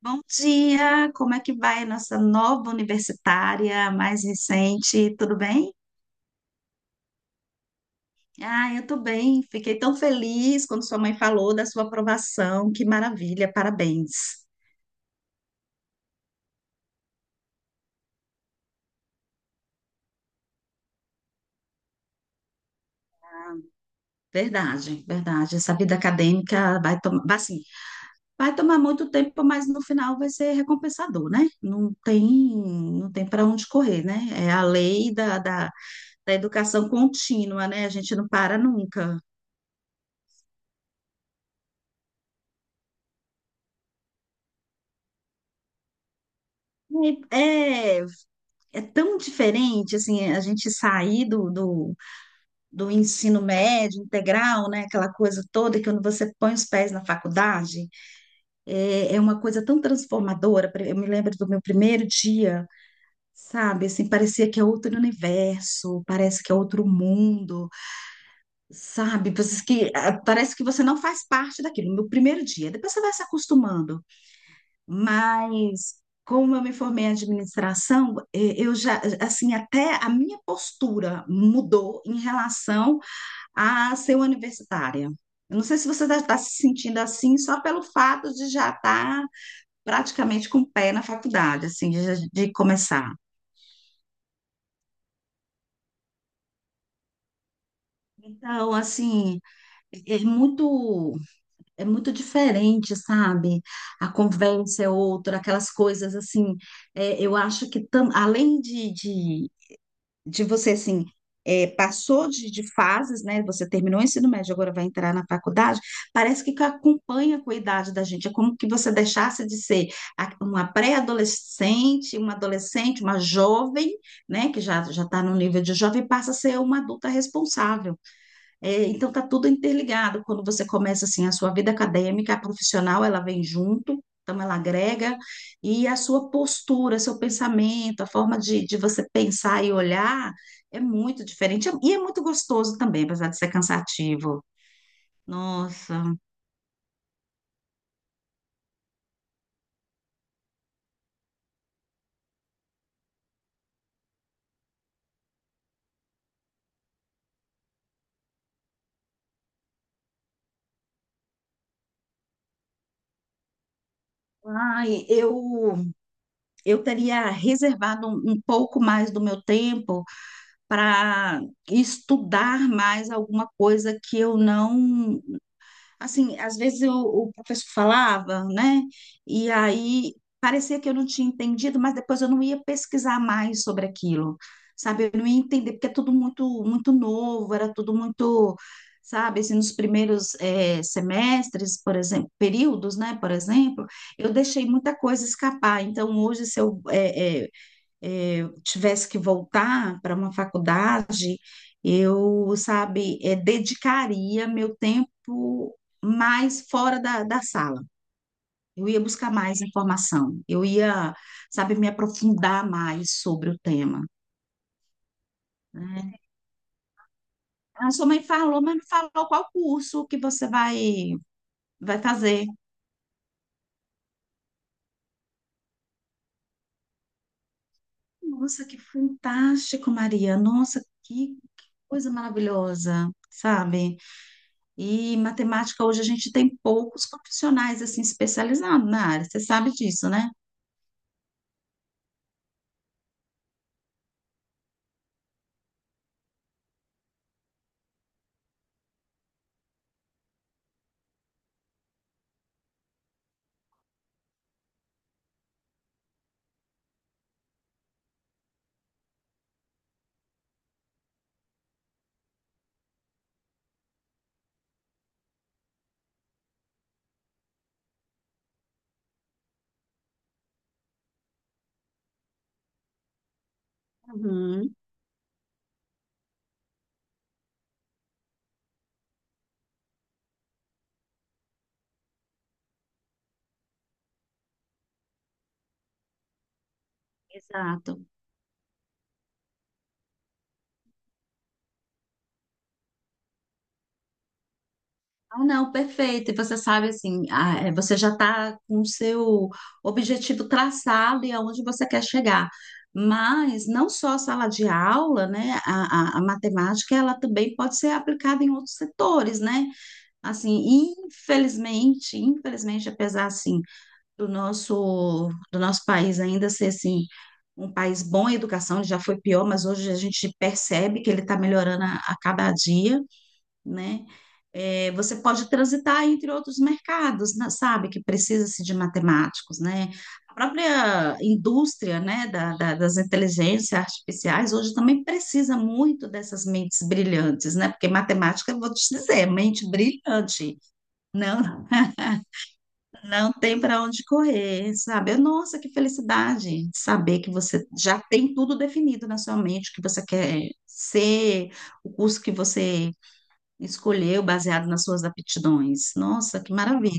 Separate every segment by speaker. Speaker 1: Bom dia, como é que vai nossa nova universitária, a mais recente? Tudo bem? Ah, eu tô bem. Fiquei tão feliz quando sua mãe falou da sua aprovação. Que maravilha, parabéns. Verdade, verdade. Essa vida acadêmica assim, vai tomar muito tempo, mas no final vai ser recompensador, né? Não tem para onde correr, né? É a lei da educação contínua, né? A gente não para nunca. É, É tão diferente, assim, a gente sair do ensino médio integral, né, aquela coisa toda que quando você põe os pés na faculdade, é uma coisa tão transformadora. Eu me lembro do meu primeiro dia, sabe, assim, parecia que é outro universo, parece que é outro mundo, sabe, parece que você não faz parte daquilo, no primeiro dia. Depois você vai se acostumando, mas como eu me formei em administração, eu já, assim, até a minha postura mudou em relação a ser universitária. Eu não sei se você está se sentindo assim, só pelo fato de já estar praticamente com o pé na faculdade, assim, de começar. Então, assim, é é muito, é muito diferente, sabe? A conversa é outra, aquelas coisas assim. Eh, eu acho que, além de você, assim, passou de fases, né? Você terminou o ensino médio, agora vai entrar na faculdade. Parece que acompanha com a idade da gente. É como que você deixasse de ser uma pré-adolescente, uma adolescente, uma jovem, né? Que já já está no nível de jovem, e passa a ser uma adulta responsável. É, então tá tudo interligado. Quando você começa assim a sua vida acadêmica, a profissional, ela vem junto, então ela agrega, e a sua postura, seu pensamento, a forma de você pensar e olhar é muito diferente e é muito gostoso também, apesar de ser cansativo. Nossa, ai, eu teria reservado um pouco mais do meu tempo para estudar mais alguma coisa que eu não, assim, às vezes o professor falava, né? E aí parecia que eu não tinha entendido, mas depois eu não ia pesquisar mais sobre aquilo, sabe? Eu não ia entender, porque é tudo muito, muito novo, era tudo muito, sabe? Assim, nos primeiros semestres, por exemplo, períodos, né? Por exemplo, eu deixei muita coisa escapar. Então, hoje, se eu eh, eh, eh, eu tivesse que voltar para uma faculdade, eu, sabe, dedicaria meu tempo mais fora da sala. Eu ia buscar mais informação, eu ia, sabe, me aprofundar mais sobre o tema, né? A sua mãe falou, mas não falou qual curso que você vai fazer. Nossa, que fantástico, Maria. Nossa, que coisa maravilhosa, sabe? E matemática hoje a gente tem poucos profissionais assim especializados na área. Você sabe disso, né? Uhum. Exato. Ah, não, perfeito. E você sabe assim, ah, é, você já está com o seu objetivo traçado e aonde você quer chegar. Mas não só a sala de aula, né? A matemática ela também pode ser aplicada em outros setores, né? Assim, infelizmente, infelizmente, apesar assim do nosso país ainda ser assim, um país bom em educação, ele já foi pior, mas hoje a gente percebe que ele está melhorando a cada dia, né? É, você pode transitar entre outros mercados, né, sabe, que precisa-se de matemáticos, né? A própria indústria, né, das inteligências artificiais hoje também precisa muito dessas mentes brilhantes, né? Porque matemática, eu vou te dizer, é mente brilhante, não? Não tem para onde correr, sabe? Nossa, que felicidade saber que você já tem tudo definido na sua mente, o que você quer ser, o curso que você escolheu baseado nas suas aptidões. Nossa, que maravilha.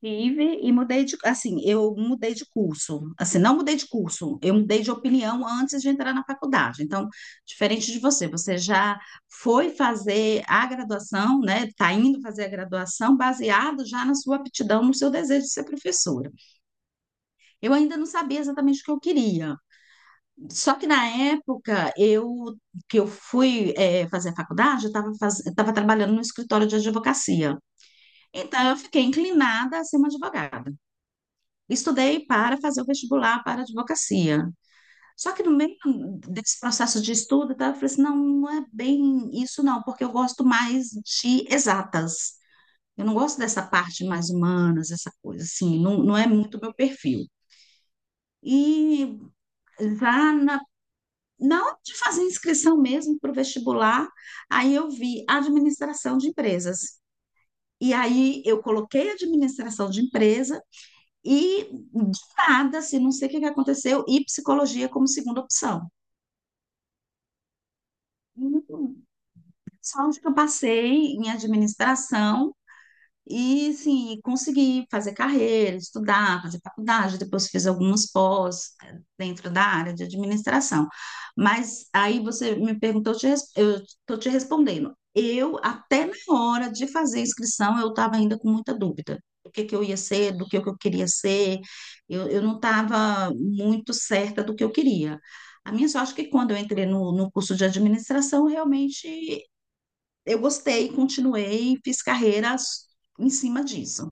Speaker 1: Tive e assim, eu mudei de curso. Assim, não mudei de curso, eu mudei de opinião antes de entrar na faculdade. Então, diferente de você, você já foi fazer a graduação, né? Está indo fazer a graduação baseado já na sua aptidão, no seu desejo de ser professora. Eu ainda não sabia exatamente o que eu queria. Só que na época eu que eu fui fazer a faculdade, eu trabalhando no escritório de advocacia. Então, eu fiquei inclinada a ser uma advogada. Estudei para fazer o vestibular para advocacia. Só que no meio desse processo de estudo, tá, eu falei assim, não, não é bem isso não, porque eu gosto mais de exatas. Eu não gosto dessa parte mais humanas, essa coisa assim, não, não é muito meu perfil. E já na hora de fazer inscrição mesmo para o vestibular, aí eu vi administração de empresas. E aí eu coloquei administração de empresa e, de nada, assim, não sei o que que aconteceu, e psicologia como segunda opção. Só onde que eu passei em administração, e, sim, consegui fazer carreira, estudar, fazer faculdade, depois fiz algumas pós dentro da área de administração. Mas aí você me perguntou, eu estou te respondendo. Até na hora de fazer a inscrição, eu estava ainda com muita dúvida do que eu ia ser, do que eu queria ser. Eu não estava muito certa do que eu queria. A minha sorte é que quando eu entrei no curso de administração, realmente eu gostei, continuei, fiz carreiras em cima disso.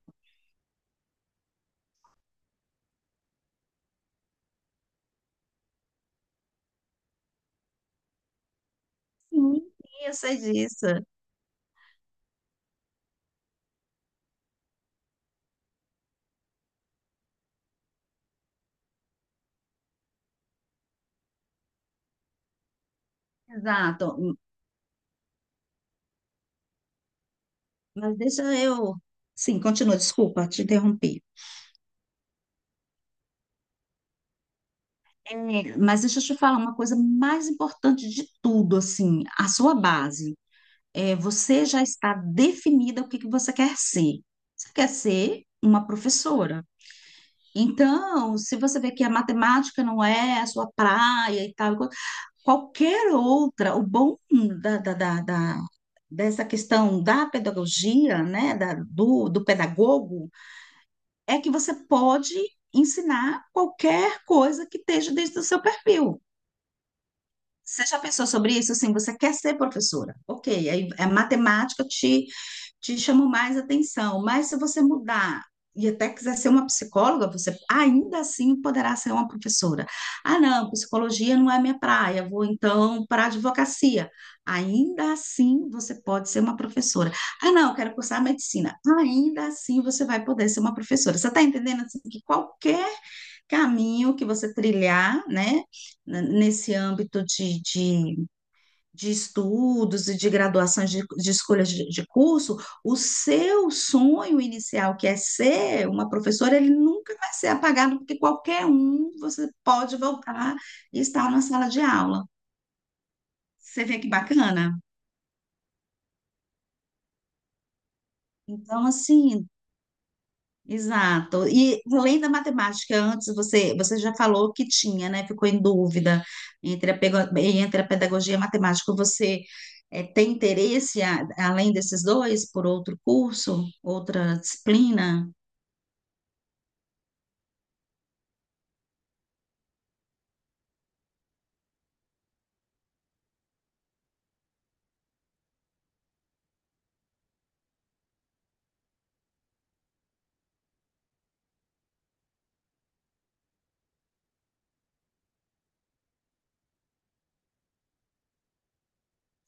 Speaker 1: Sim, eu sei disso. Exato. Mas deixa eu. Sim, continua, desculpa, te interrompi. É, mas deixa eu te falar uma coisa mais importante de tudo, assim, a sua base. É, você já está definida o que que você quer ser. Você quer ser uma professora. Então, se você vê que a matemática não é a sua praia e tal, qualquer outra, o bom da, da, da, da- dessa questão da pedagogia, né, do pedagogo, é que você pode ensinar qualquer coisa que esteja dentro do seu perfil. Você já pensou sobre isso? Assim, você quer ser professora? Ok, aí a matemática te chamam mais atenção. Mas se você mudar e até quiser ser uma psicóloga, você ainda assim poderá ser uma professora. Ah, não, psicologia não é minha praia, vou então para a advocacia. Ainda assim você pode ser uma professora. Ah, não, quero cursar medicina. Ainda assim você vai poder ser uma professora. Você está entendendo assim, que qualquer caminho que você trilhar, né, nesse âmbito de estudos e de graduações de escolhas de curso, o seu sonho inicial, que é ser uma professora, ele nunca vai ser apagado, porque qualquer um você pode voltar e estar na sala de aula. Você vê que bacana? Então, assim, exato. E além da matemática, antes você já falou que tinha, né? Ficou em dúvida entre a pedagogia e a matemática. Você tem interesse, além desses dois, por outro curso, outra disciplina?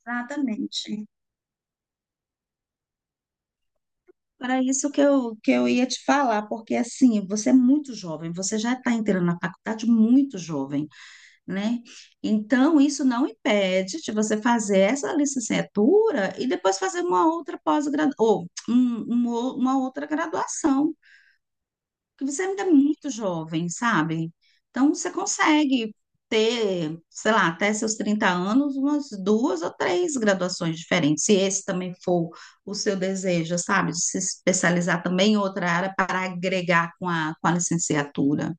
Speaker 1: Exatamente. Era isso que eu ia te falar, porque assim, você é muito jovem, você já está entrando na faculdade muito jovem, né? Então, isso não impede de você fazer essa licenciatura e depois fazer uma outra pós-graduação, ou um- um ou- uma outra graduação, que você ainda é muito jovem, sabe? Então, você consegue ter, sei lá, até seus 30 anos, umas duas ou três graduações diferentes, se esse também for o seu desejo, sabe? De se especializar também em outra área para agregar com a licenciatura.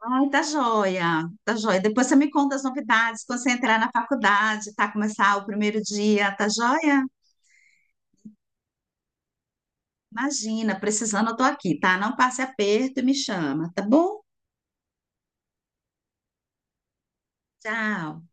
Speaker 1: Ai, tá joia, tá joia. Depois você me conta as novidades, quando você entrar na faculdade, tá? Começar o primeiro dia, tá joia? Imagina, precisando, eu tô aqui, tá? Não passe aperto e me chama, tá bom? Tchau.